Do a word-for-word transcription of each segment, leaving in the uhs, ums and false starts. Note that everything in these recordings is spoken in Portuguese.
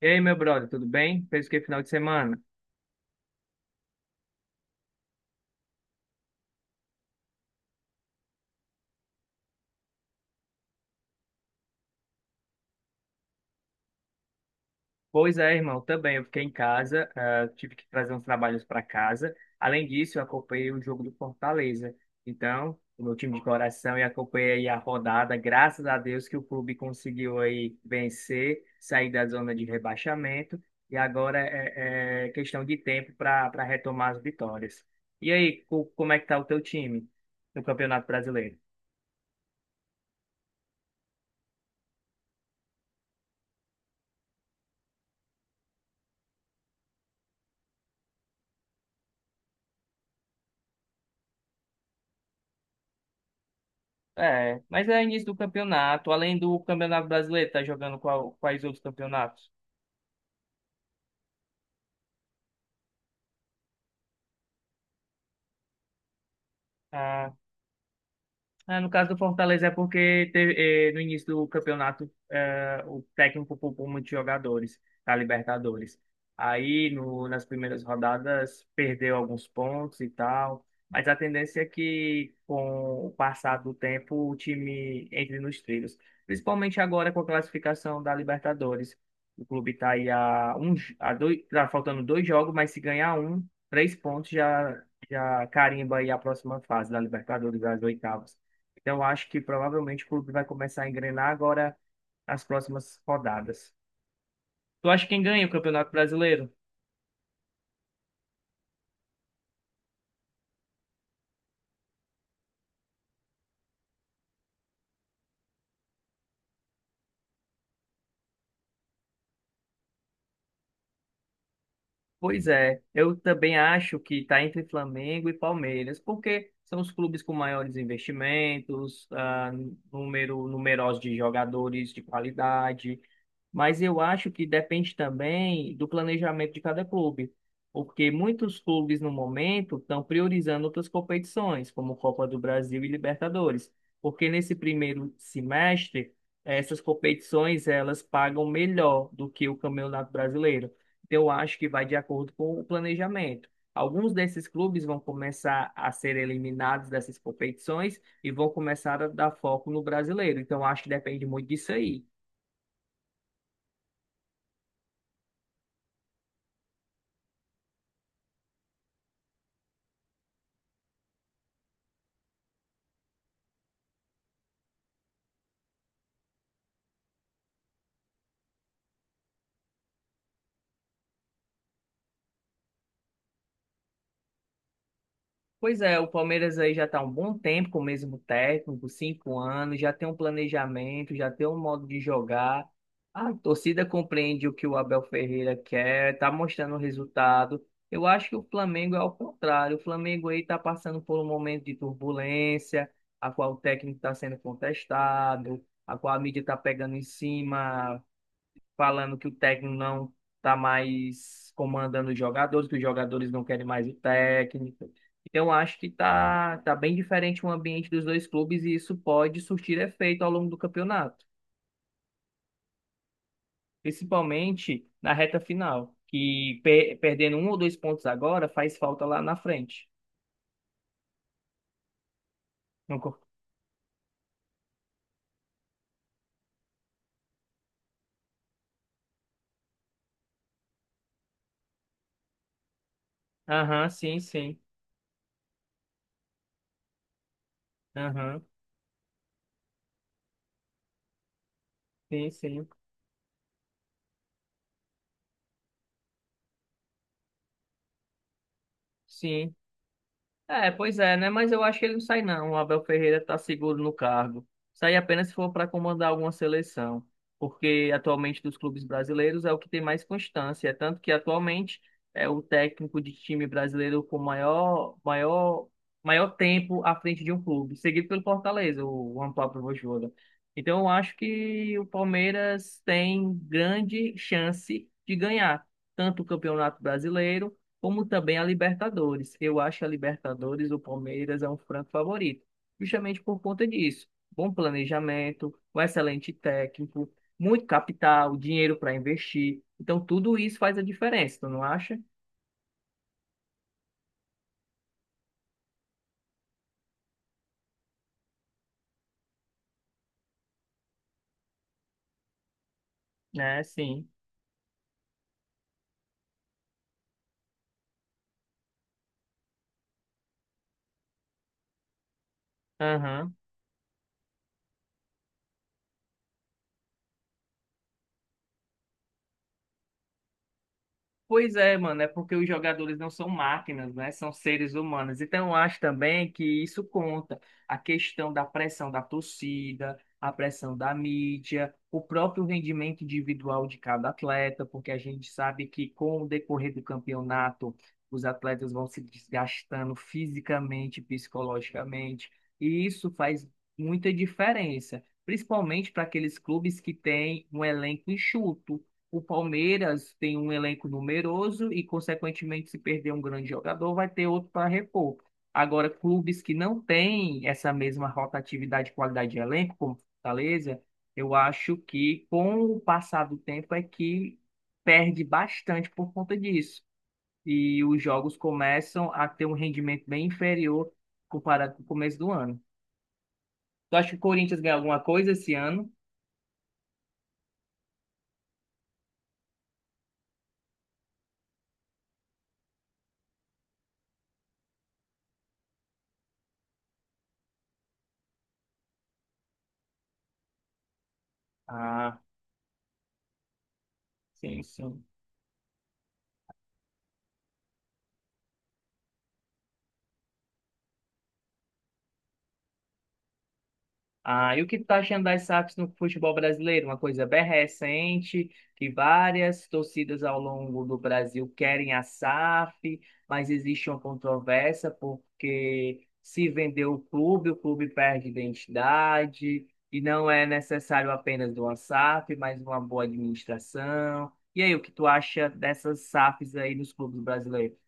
E aí, meu brother, tudo bem? Fez o que final de semana? Pois é, irmão, também. Eu fiquei em casa, ah, tive que trazer uns trabalhos para casa. Além disso, eu acompanhei o jogo do Fortaleza. Então, o meu time de coração, e acompanhei aí a rodada. Graças a Deus que o clube conseguiu aí vencer, sair da zona de rebaixamento. E agora é, é questão de tempo para para retomar as vitórias. E aí, co- como é que tá o teu time no Campeonato Brasileiro? É, mas é início do campeonato. Além do Campeonato Brasileiro, tá jogando qual, quais outros campeonatos? Ah, Ah, no caso do Fortaleza é porque teve, eh, no início do campeonato eh, o técnico poupou muitos jogadores da Libertadores. Aí no, nas primeiras rodadas perdeu alguns pontos e tal, mas a tendência é que com o passar do tempo o time entre nos trilhos, principalmente agora com a classificação da Libertadores. O clube está aí a um, j- a dois, tá faltando dois jogos, mas se ganhar um, três pontos já já carimba aí a próxima fase da Libertadores, das oitavas. Então, eu acho que provavelmente o clube vai começar a engrenar agora nas próximas rodadas. Tu acha quem ganha o Campeonato Brasileiro? Pois é, eu também acho que está entre Flamengo e Palmeiras, porque são os clubes com maiores investimentos, ah, número numerosos de jogadores de qualidade, mas eu acho que depende também do planejamento de cada clube, porque muitos clubes no momento estão priorizando outras competições, como Copa do Brasil e Libertadores, porque nesse primeiro semestre essas competições elas pagam melhor do que o Campeonato Brasileiro. Então, eu acho que vai de acordo com o planejamento. Alguns desses clubes vão começar a ser eliminados dessas competições e vão começar a dar foco no brasileiro. Então, eu acho que depende muito disso aí. Pois é, o Palmeiras aí já está há um bom tempo com o mesmo técnico, cinco anos, já tem um planejamento, já tem um modo de jogar. A torcida compreende o que o Abel Ferreira quer, está mostrando o resultado. Eu acho que o Flamengo é ao contrário. O Flamengo aí está passando por um momento de turbulência, a qual o técnico está sendo contestado, a qual a mídia está pegando em cima, falando que o técnico não está mais comandando os jogadores, que os jogadores não querem mais o técnico. Então, acho que tá, tá bem diferente o ambiente dos dois clubes e isso pode surtir efeito ao longo do campeonato, principalmente na reta final, que pe- perdendo um ou dois pontos agora faz falta lá na frente. Não co- Aham, sim, sim. Aham, sim, sim. Sim. É, pois é, né? Mas eu acho que ele não sai, não. O Abel Ferreira está seguro no cargo. Sai apenas se for para comandar alguma seleção. Porque atualmente dos clubes brasileiros é o que tem mais constância. É tanto que atualmente é o técnico de time brasileiro com maior, maior, maior tempo à frente de um clube, seguido pelo Fortaleza, o Juan Pablo Vojvoda. Então eu acho que o Palmeiras tem grande chance de ganhar tanto o Campeonato Brasileiro como também a Libertadores. Eu acho a Libertadores, o Palmeiras é um franco favorito, justamente por conta disso. Bom planejamento, um excelente técnico, muito capital, dinheiro para investir. Então, tudo isso faz a diferença, tu não acha? É, sim. Aham. Pois é, mano, é porque os jogadores não são máquinas, né? São seres humanos. Então, eu acho também que isso conta. A questão da pressão da torcida, a pressão da mídia, o próprio rendimento individual de cada atleta, porque a gente sabe que com o decorrer do campeonato, os atletas vão se desgastando fisicamente, psicologicamente, e isso faz muita diferença, principalmente para aqueles clubes que têm um elenco enxuto. O Palmeiras tem um elenco numeroso e, consequentemente, se perder um grande jogador, vai ter outro para repor. Agora, clubes que não têm essa mesma rotatividade e qualidade de elenco, como Fortaleza, eu acho que, com o passar do tempo, é que perde bastante por conta disso. E os jogos começam a ter um rendimento bem inferior comparado com o começo do ano. Tu acha que o Corinthians ganha alguma coisa esse ano? Ah, sim, sim. Ah, e o que tu tá achando das SAFs no futebol brasileiro? Uma coisa bem recente, que várias torcidas ao longo do Brasil querem a SAF, mas existe uma controvérsia porque se vender o clube, o clube perde identidade, e não é necessário apenas de uma SAF, mas uma boa administração. E aí, o que tu acha dessas SAFs aí nos clubes brasileiros?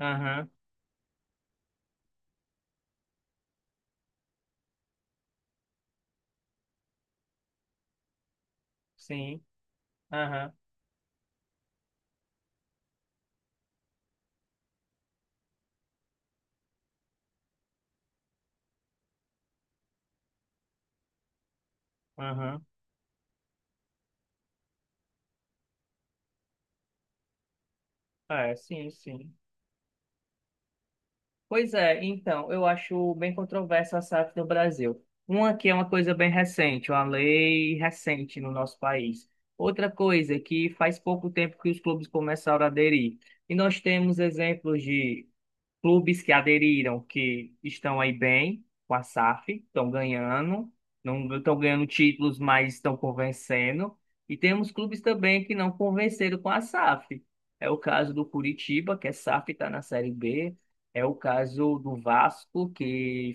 Aham, sim, aham, aham. É, sim, sim. Pois é, então, eu acho bem controversa a SAF no Brasil. Uma que é uma coisa bem recente, uma lei recente no nosso país. Outra coisa é que faz pouco tempo que os clubes começaram a aderir. E nós temos exemplos de clubes que aderiram, que estão aí bem com a SAF, estão ganhando, não estão ganhando títulos, mas estão convencendo. E temos clubes também que não convenceram com a SAF. É o caso do Curitiba, que é SAF, está na Série B. É o caso do Vasco, que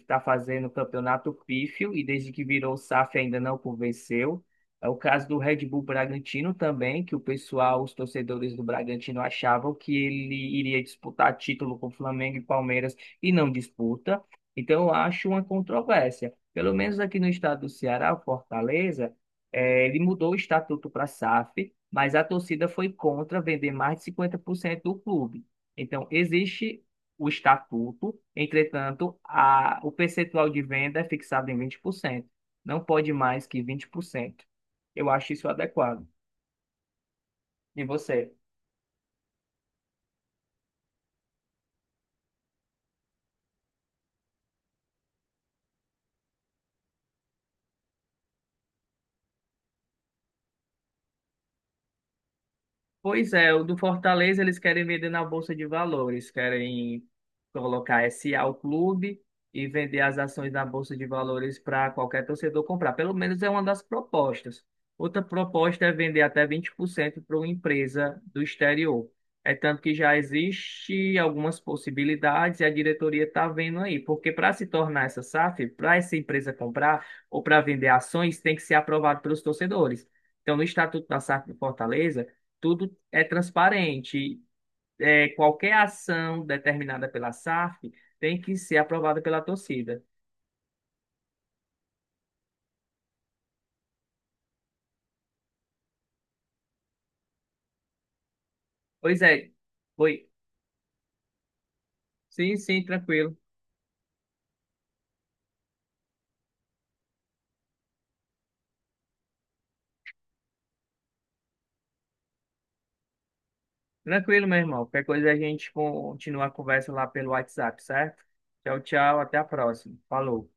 está fazendo o campeonato pífio e desde que virou SAF ainda não convenceu. É o caso do Red Bull Bragantino também, que o pessoal, os torcedores do Bragantino achavam que ele iria disputar título com Flamengo e Palmeiras e não disputa. Então, eu acho uma controvérsia. Pelo menos aqui no estado do Ceará, o Fortaleza, eh, ele mudou o estatuto para SAF, mas a torcida foi contra vender mais de cinquenta por cento do clube. Então, existe o estatuto, entretanto, a, o percentual de venda é fixado em vinte por cento. Não pode mais que vinte por cento. Eu acho isso adequado. E você? Pois é, o do Fortaleza eles querem vender na Bolsa de Valores, querem colocar S A ao clube e vender as ações na Bolsa de Valores para qualquer torcedor comprar. Pelo menos é uma das propostas. Outra proposta é vender até vinte por cento para uma empresa do exterior. É tanto que já existe algumas possibilidades e a diretoria está vendo aí, porque para se tornar essa SAF, para essa empresa comprar ou para vender ações, tem que ser aprovado pelos torcedores. Então, no Estatuto da SAF de Fortaleza, tudo é transparente. É, qualquer ação determinada pela SAF tem que ser aprovada pela torcida. Pois é, foi. Sim, sim, tranquilo. Tranquilo, meu irmão. Qualquer coisa a gente continua a conversa lá pelo WhatsApp, certo? Tchau, tchau, até a próxima. Falou.